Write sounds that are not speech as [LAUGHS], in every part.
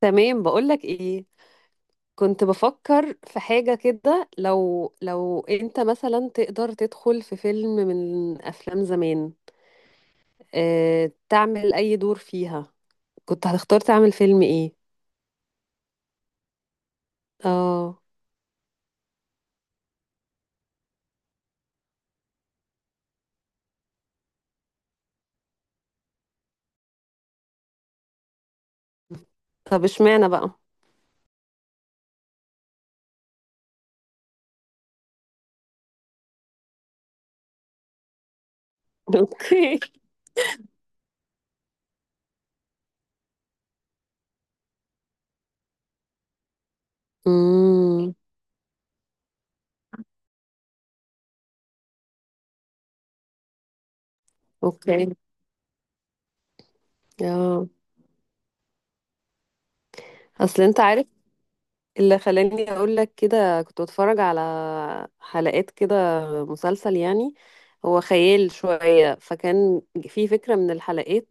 تمام، بقولك ايه. كنت بفكر في حاجة كده، لو انت مثلا تقدر تدخل في فيلم من افلام زمان، اه، تعمل اي دور فيها؟ كنت هتختار تعمل فيلم ايه؟ اه. طب اشمعنى بقى؟ [LAUGHS] اوكي. امم. اوكي. اه. اصل انت عارف، اللي خلاني اقول لك كده، كنت بتفرج على حلقات كده، مسلسل يعني، هو خيال شوية. فكان في فكرة من الحلقات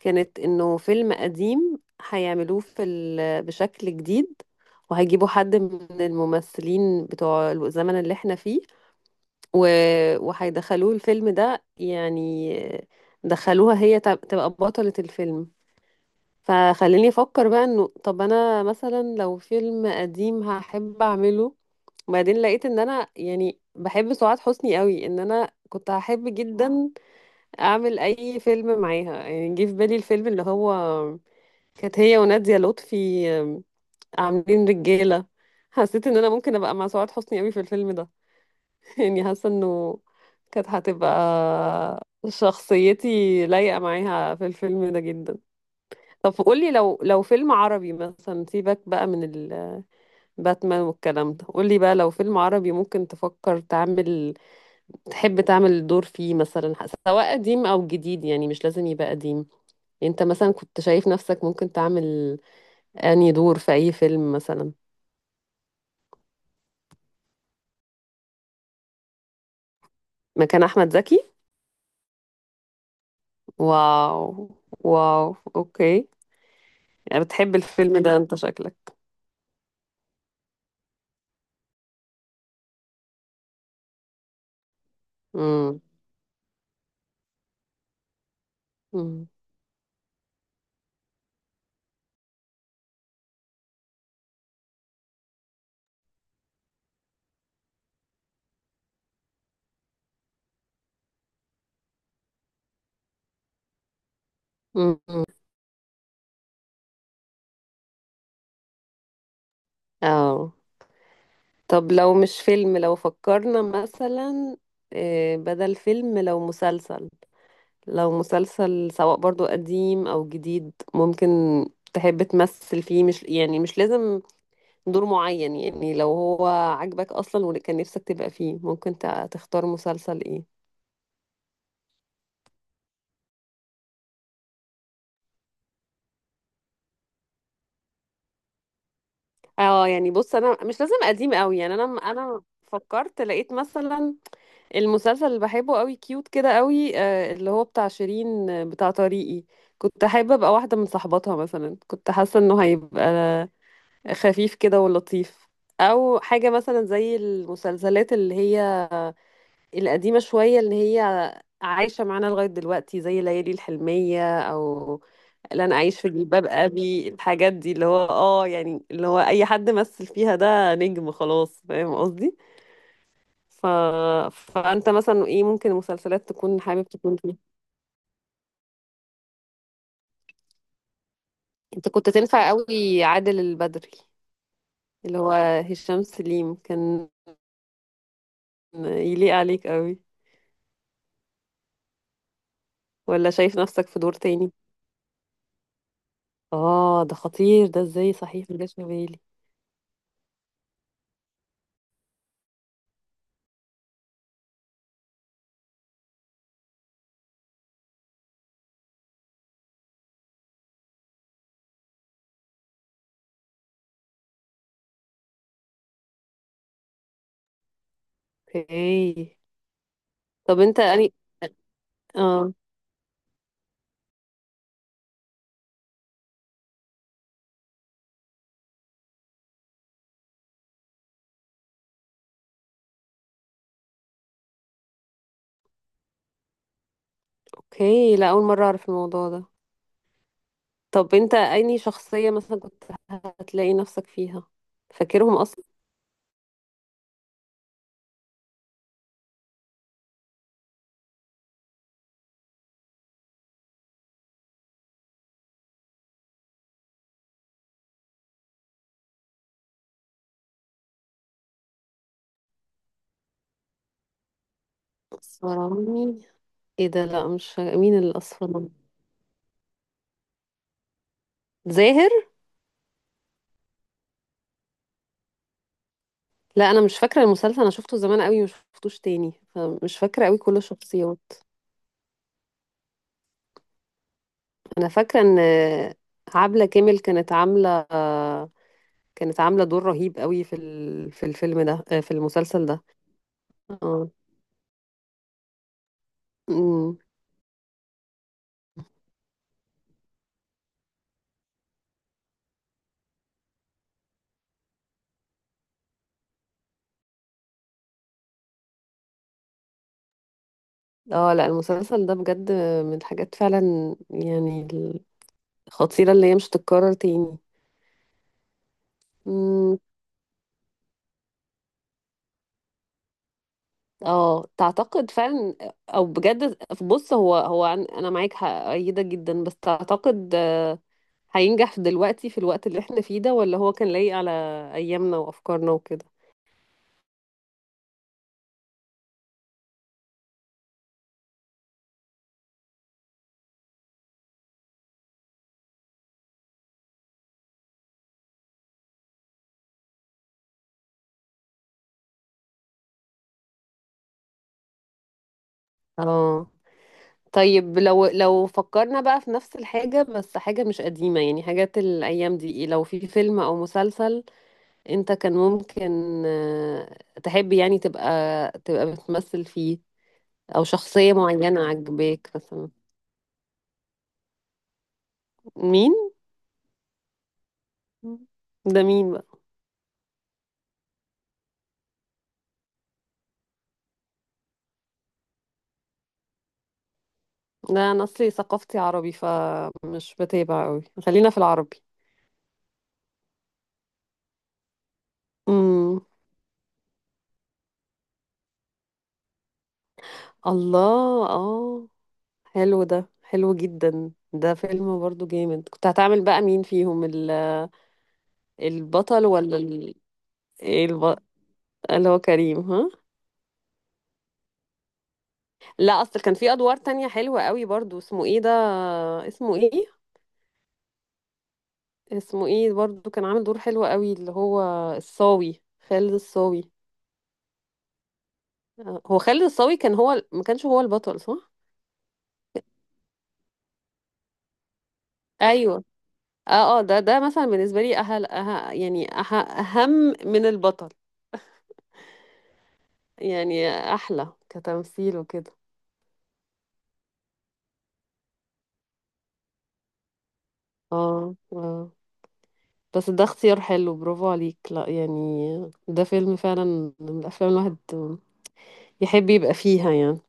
كانت انه فيلم قديم هيعملوه بشكل جديد، وهيجيبوا حد من الممثلين بتوع الزمن اللي احنا فيه، و... وهيدخلوه الفيلم ده يعني، دخلوها هي تبقى بطلة الفيلم. فخليني افكر بقى، انه طب انا مثلا لو فيلم قديم هحب اعمله، وبعدين لقيت ان انا يعني بحب سعاد حسني قوي، ان انا كنت هحب جدا اعمل اي فيلم معاها. يعني جه في بالي الفيلم اللي هو كانت هي ونادية لطفي، عاملين رجالة. حسيت ان انا ممكن ابقى مع سعاد حسني قوي في الفيلم ده. [LAUGHS] يعني حاسة انه كانت هتبقى شخصيتي لايقة معاها في الفيلم ده جدا. طب قولي، لو فيلم عربي مثلا، سيبك بقى من الباتمان والكلام ده، قولي بقى لو فيلم عربي ممكن تفكر تعمل، تحب تعمل دور فيه مثلا، سواء قديم او جديد، يعني مش لازم يبقى قديم. انت مثلا كنت شايف نفسك ممكن تعمل انهي دور في اي فيلم مثلا؟ مكان احمد زكي؟ واو. واو، اوكي. يعني بتحب الفيلم ده انت شكلك. امم. امم. أمم. اه. طب لو مش فيلم، لو فكرنا مثلا، بدل فيلم لو مسلسل، لو مسلسل سواء برضو قديم او جديد ممكن تحب تمثل فيه، مش يعني، مش لازم دور معين، يعني لو هو عاجبك اصلا وكان نفسك تبقى فيه، ممكن تختار مسلسل ايه؟ اه يعني بص، انا مش لازم قديم قوي، يعني انا فكرت، لقيت مثلا المسلسل اللي بحبه قوي كيوت كده قوي، اللي هو بتاع شيرين، بتاع طريقي. كنت حابة ابقى واحدة من صحباتها مثلا، كنت حاسة انه هيبقى خفيف كده ولطيف. او حاجة مثلا زي المسلسلات اللي هي القديمة شوية، اللي هي عايشة معانا لغاية دلوقتي، زي ليالي الحلمية، او اللي انا اعيش في جلباب ابي. الحاجات دي اللي هو اه، يعني اللي هو اي حد مثل فيها ده نجم خلاص، فاهم قصدي؟ ف... فانت مثلا ايه، ممكن مسلسلات تكون حابب تكون فيها؟ انت كنت تنفع قوي عادل البدري، اللي هو هشام سليم، كان يليق عليك قوي. ولا شايف نفسك في دور تاني؟ اه ده خطير، ده ازاي صحيح ما جاش في بالي. اوكي. طب انت يعني، اه، اوكي. لا، اول مره اعرف الموضوع ده. طب انت انهي شخصية مثلا كنت هتلاقي نفسك فيها، فاكرهم اصلا؟ اسمراني؟ ايه ده، لا، مش فا- مين الاسمراني؟ زاهر؟ لا انا مش فاكرة المسلسل، انا شفته زمان قوي مش شفتوش تاني، فمش فاكرة قوي كل الشخصيات. انا فاكرة ان عبلة كامل كانت عاملة، كانت عاملة دور رهيب قوي في الفيلم ده، في المسلسل ده. اه. أمم. اه لا، المسلسل ده بجد من الحاجات فعلا يعني الخطيرة اللي هي مش تتكرر تاني. مم. اه تعتقد فعلا؟ او بجد، بص، هو انا معاك، هأيدك جدا، بس تعتقد هينجح دلوقتي في الوقت اللي احنا فيه ده، ولا هو كان لايق على ايامنا وافكارنا وكده؟ اه. طيب لو فكرنا بقى في نفس الحاجة بس حاجة مش قديمة، يعني حاجات الايام دي إيه؟ لو في فيلم او مسلسل انت كان ممكن، تحب يعني تبقى بتمثل فيه، او شخصية معينة عجباك مثلا؟ مين؟ ده مين بقى؟ لا انا اصلي ثقافتي عربي فمش بتابع قوي، خلينا في العربي. امم. الله، اه، حلو، ده حلو جدا، ده فيلم برضو جامد. كنت هتعمل بقى مين فيهم، البطل ولا إيه اللي هو كريم، ها؟ لا، اصل كان في ادوار تانية حلوة قوي برضو، اسمه ايه ده، اسمه ايه، اسمه ايه برضو، كان عامل دور حلو قوي، اللي هو الصاوي، خالد الصاوي. هو خالد الصاوي كان هو ما كانش هو البطل، صح؟ ايوه. اه، اه، ده مثلا بالنسبة لي أهل، يعني أهم من البطل يعني، أحلى كتمثيل وكده. اه، اه، بس ده اختيار حلو، برافو عليك، لا يعني ده فيلم فعلا من الأفلام الواحد يحب يبقى فيها يعني.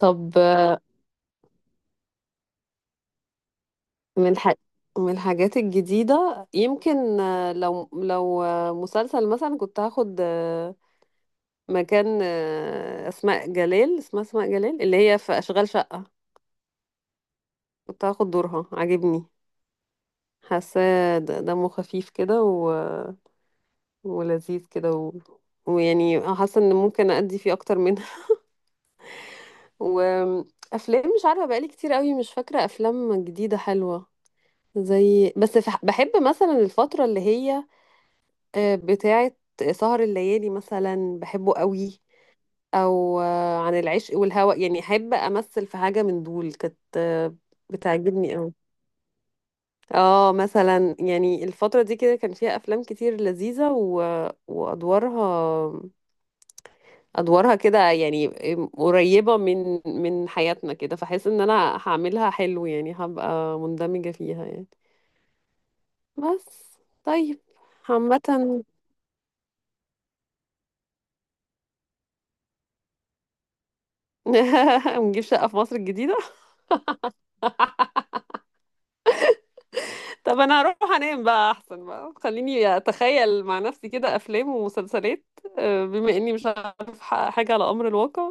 طب، من الح... من الحاجات الجديدة يمكن، لو مسلسل مثلا، كنت هاخد مكان أسماء جلال، اسمها أسماء جلال، اللي هي في أشغال شقة. كنت هاخد دورها، عاجبني، حاساه دمه خفيف كده ولذيذ كده ويعني حاسه ان ممكن ادي فيه اكتر منها. [LAUGHS] وافلام مش عارفه، بقالي كتير قوي مش فاكره افلام جديده حلوه، زي بس بحب مثلا الفتره اللي هي بتاعه سهر الليالي مثلا، بحبه قوي. او عن العشق والهوى، يعني احب امثل في حاجه من دول، كانت بتعجبني. اه مثلا يعني الفترة دي كده كان فيها أفلام كتير لذيذة، وأدوارها، أدوارها كده يعني قريبة من حياتنا كده، فحس إن أنا هعملها حلو يعني، هبقى مندمجة فيها يعني. بس. طيب. عامة. [LAUGHS] نجيب شقة في مصر الجديدة. [LAUGHS] طب أنا هروح أنام بقى أحسن، بقى خليني أتخيل مع نفسي كده أفلام ومسلسلات، بما إني مش عارف حاجة على أمر الواقع،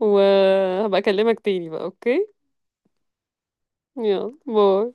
وهبقى أكلمك تاني بقى. أوكي. يلا باي.